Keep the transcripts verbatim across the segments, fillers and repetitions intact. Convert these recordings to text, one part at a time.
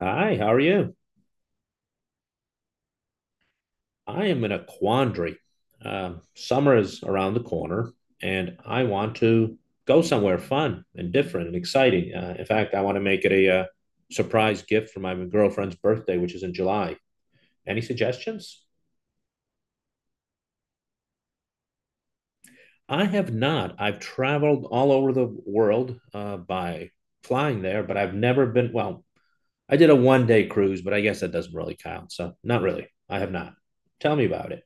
Hi, how are you? I am in a quandary. Um, summer is around the corner, and I want to go somewhere fun and different and exciting. Uh, in fact, I want to make it a uh, surprise gift for my girlfriend's birthday, which is in July. Any suggestions? I have not. I've traveled all over the world uh, by flying there, but I've never been, well, I did a one day cruise, but I guess that doesn't really count. So, not really. I have not. Tell me about it.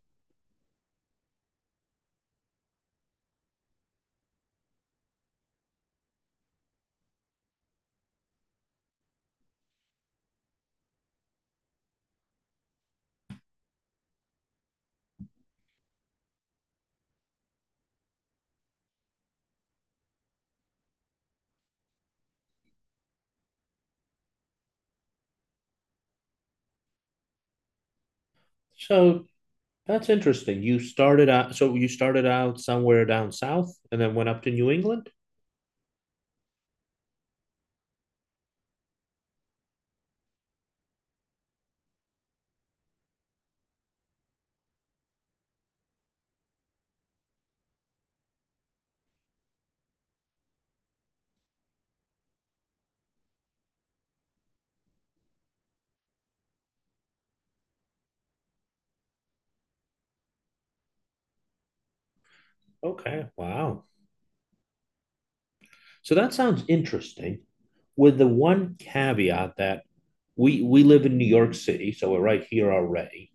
So, That's interesting. You started out, so you started out somewhere down south and then went up to New England? Okay, wow. So that sounds interesting, with the one caveat that we we live in New York City, so we're right here already.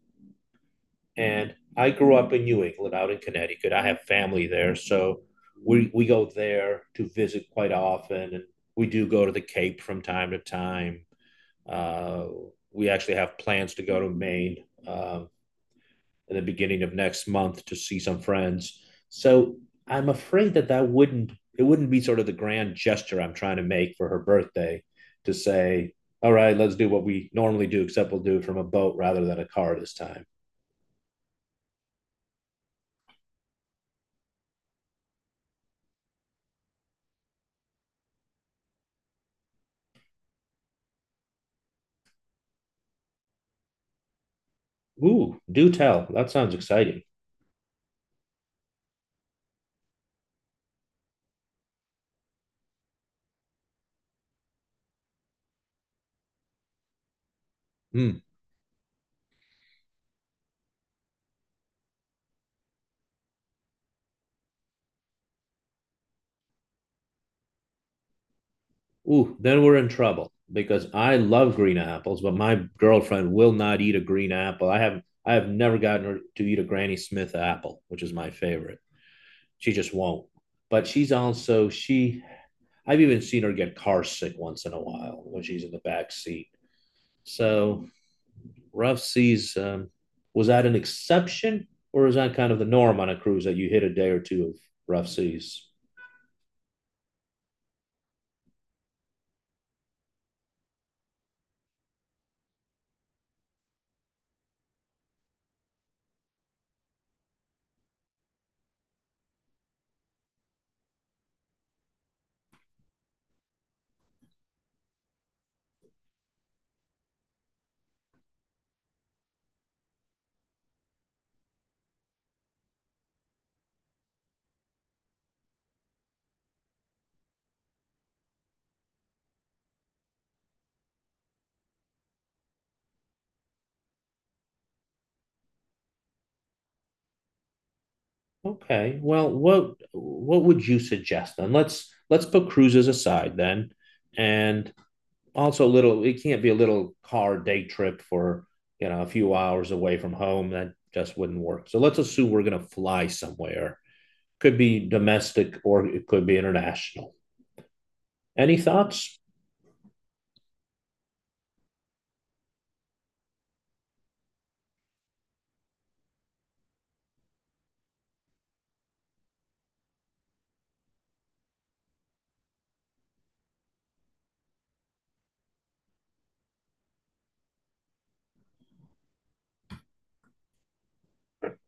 And I grew up in New England, out in Connecticut. I have family there, so we we go there to visit quite often, and we do go to the Cape from time to time. Uh, we actually have plans to go to Maine. Um, in the beginning of next month to see some friends. So I'm afraid that that wouldn't it wouldn't be sort of the grand gesture I'm trying to make for her birthday, to say, all right, let's do what we normally do, except we'll do it from a boat rather than a car this time. Ooh, do tell. That sounds exciting. Hmm. Ooh, then we're in trouble, because I love green apples, but my girlfriend will not eat a green apple. I have I have never gotten her to eat a Granny Smith apple, which is my favorite. She just won't. But she's also she I've even seen her get car sick once in a while when she's in the back seat. So, rough seas, um, was that an exception, or is that kind of the norm on a cruise, that you hit a day or two of rough seas? Okay. Well, what what would you suggest then? Let's let's put cruises aside then, and also, a little it can't be a little car day trip for, you know a few hours away from home, that just wouldn't work. So let's assume we're going to fly somewhere. Could be domestic, or it could be international. Any thoughts?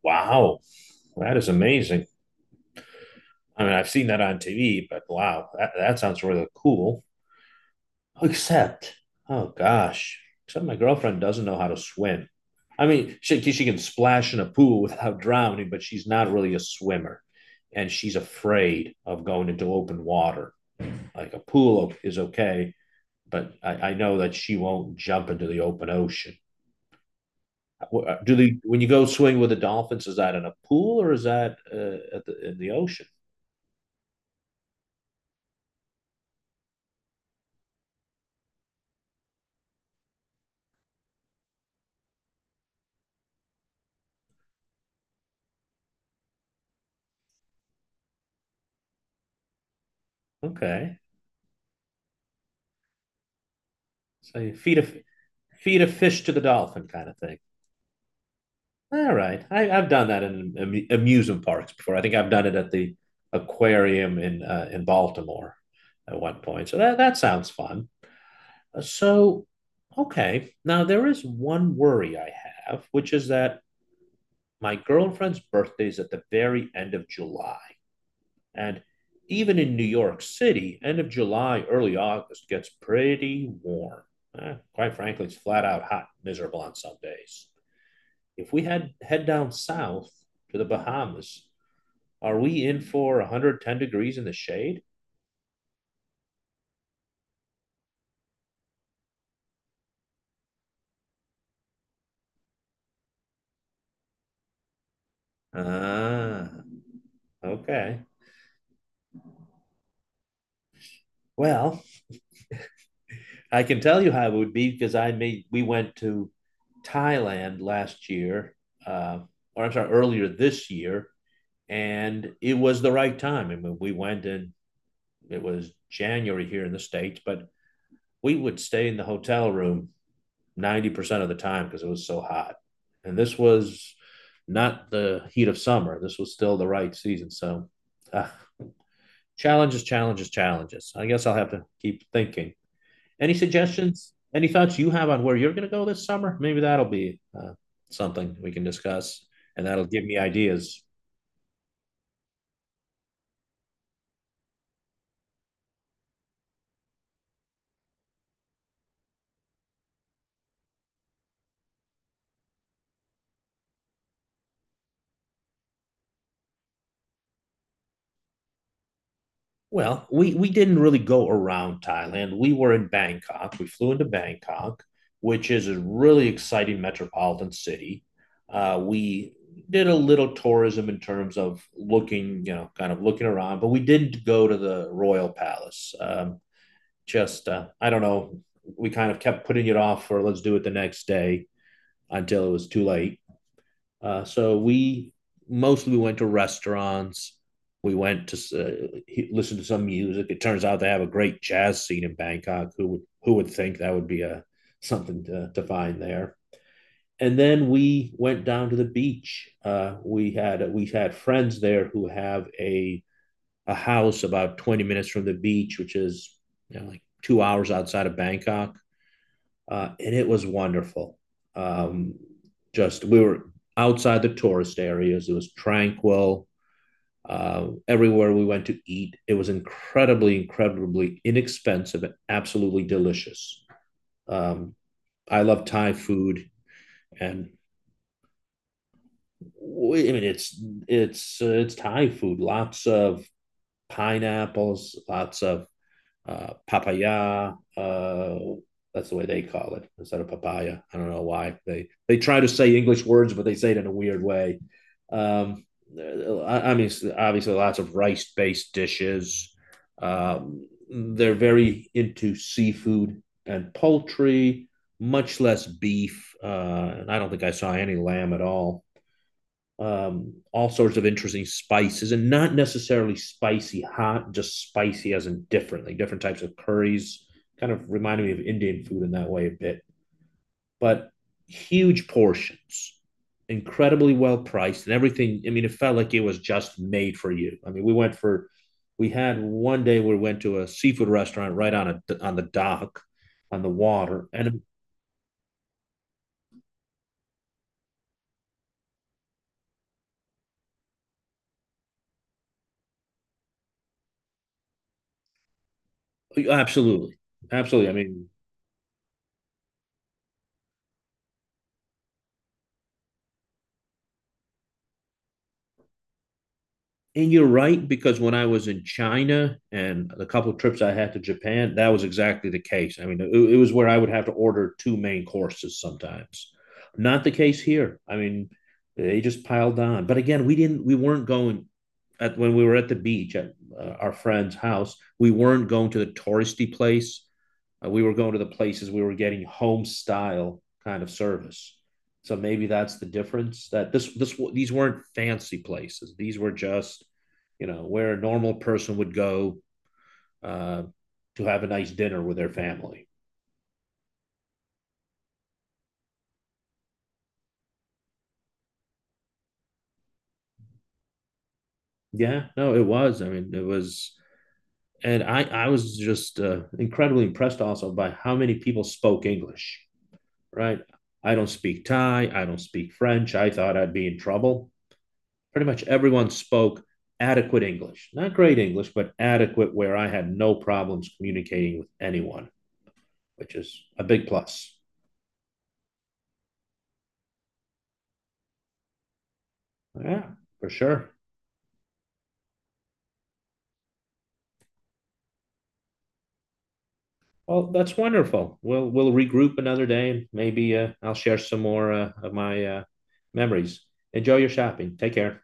Wow, that is amazing. I mean, I've seen that on TV, but wow, that, that sounds really cool. Except, oh gosh, except my girlfriend doesn't know how to swim. I mean, she, she can splash in a pool without drowning, but she's not really a swimmer. And she's afraid of going into open water. Like a pool is okay, but I, I know that she won't jump into the open ocean. Do they, when you go swimming with the dolphins, is that in a pool, or is that uh, at the, in the ocean? Okay. So you feed a, feed a fish to the dolphin kind of thing. All right. I, I've done that in amu- amusement parks before. I think I've done it at the aquarium in uh, in Baltimore at one point. So that that sounds fun. Uh, So, okay. Now there is one worry I have, which is that my girlfriend's birthday is at the very end of July. And even in New York City, end of July, early August, gets pretty warm. Eh, quite frankly, it's flat out hot, miserable on some days. If we head head down south to the Bahamas, are we in for one hundred ten degrees in the shade? Ah, okay. Well, I can tell you how it would be, because I made we went to Thailand last year, uh, or, I'm sorry, earlier this year, and it was the right time. I mean, we went in, it was January here in the states, but we would stay in the hotel room ninety percent of the time because it was so hot. And this was not the heat of summer. This was still the right season. So, uh, challenges, challenges, challenges. I guess I'll have to keep thinking. Any suggestions? Any thoughts you have on where you're going to go this summer? Maybe that'll be uh, something we can discuss, and that'll give me ideas. Well, we we didn't really go around Thailand. We were in Bangkok. We flew into Bangkok, which is a really exciting metropolitan city. Uh, we did a little tourism in terms of looking, you know, kind of looking around, but we didn't go to the Royal Palace. Um, just uh, I don't know. We kind of kept putting it off for, let's do it the next day, until it was too late. Uh, so we mostly went to restaurants. We went to, uh, listen to some music. It turns out they have a great jazz scene in Bangkok. Who would who would think that would be a something to, to find there? And then we went down to the beach. Uh, we had we had friends there who have a a house about twenty minutes from the beach, which is, you know, like two hours outside of Bangkok, uh, and it was wonderful. Um, just we were outside the tourist areas. It was tranquil. Uh, everywhere we went to eat, it was incredibly, incredibly inexpensive and absolutely delicious. Um, I love Thai food, and we, I mean, it's it's uh, it's Thai food. Lots of pineapples, lots of uh, papaya. Uh, that's the way they call it, instead of papaya. I don't know why they they try to say English words, but they say it in a weird way. Um, uh, I, I mean, obviously, lots of rice-based dishes. Um, they're very into seafood and poultry, much less beef. Uh, and I don't think I saw any lamb at all, um, all sorts of interesting spices, and not necessarily spicy hot, just spicy as in different, like different types of curries. Kind of reminded me of Indian food in that way a bit, but huge portions, incredibly well priced, and everything. I mean, it felt like it was just made for you. I mean, we went for, we had one day we went to a seafood restaurant right on a on the dock, on the water, and absolutely, absolutely. I mean, and you're right, because when I was in China and a couple of trips I had to Japan, that was exactly the case. I mean, it, it was where I would have to order two main courses sometimes. Not the case here. I mean, they just piled on. But again, we didn't, we weren't going at when we were at the beach at uh, our friend's house, we weren't going to the touristy place. Uh, we were going to the places we were getting home style kind of service. So maybe that's the difference. That this this these weren't fancy places. These were just, you know, where a normal person would go uh, to have a nice dinner with their family. Yeah, no, it was. I mean, it was, and I I was just uh, incredibly impressed also by how many people spoke English. Right, I don't speak Thai. I don't speak French. I thought I'd be in trouble. Pretty much everyone spoke adequate English, not great English, but adequate, where I had no problems communicating with anyone, which is a big plus. Yeah, for sure. Well, that's wonderful. We'll we'll regroup another day, and maybe uh, I'll share some more uh, of my uh, memories. Enjoy your shopping. Take care.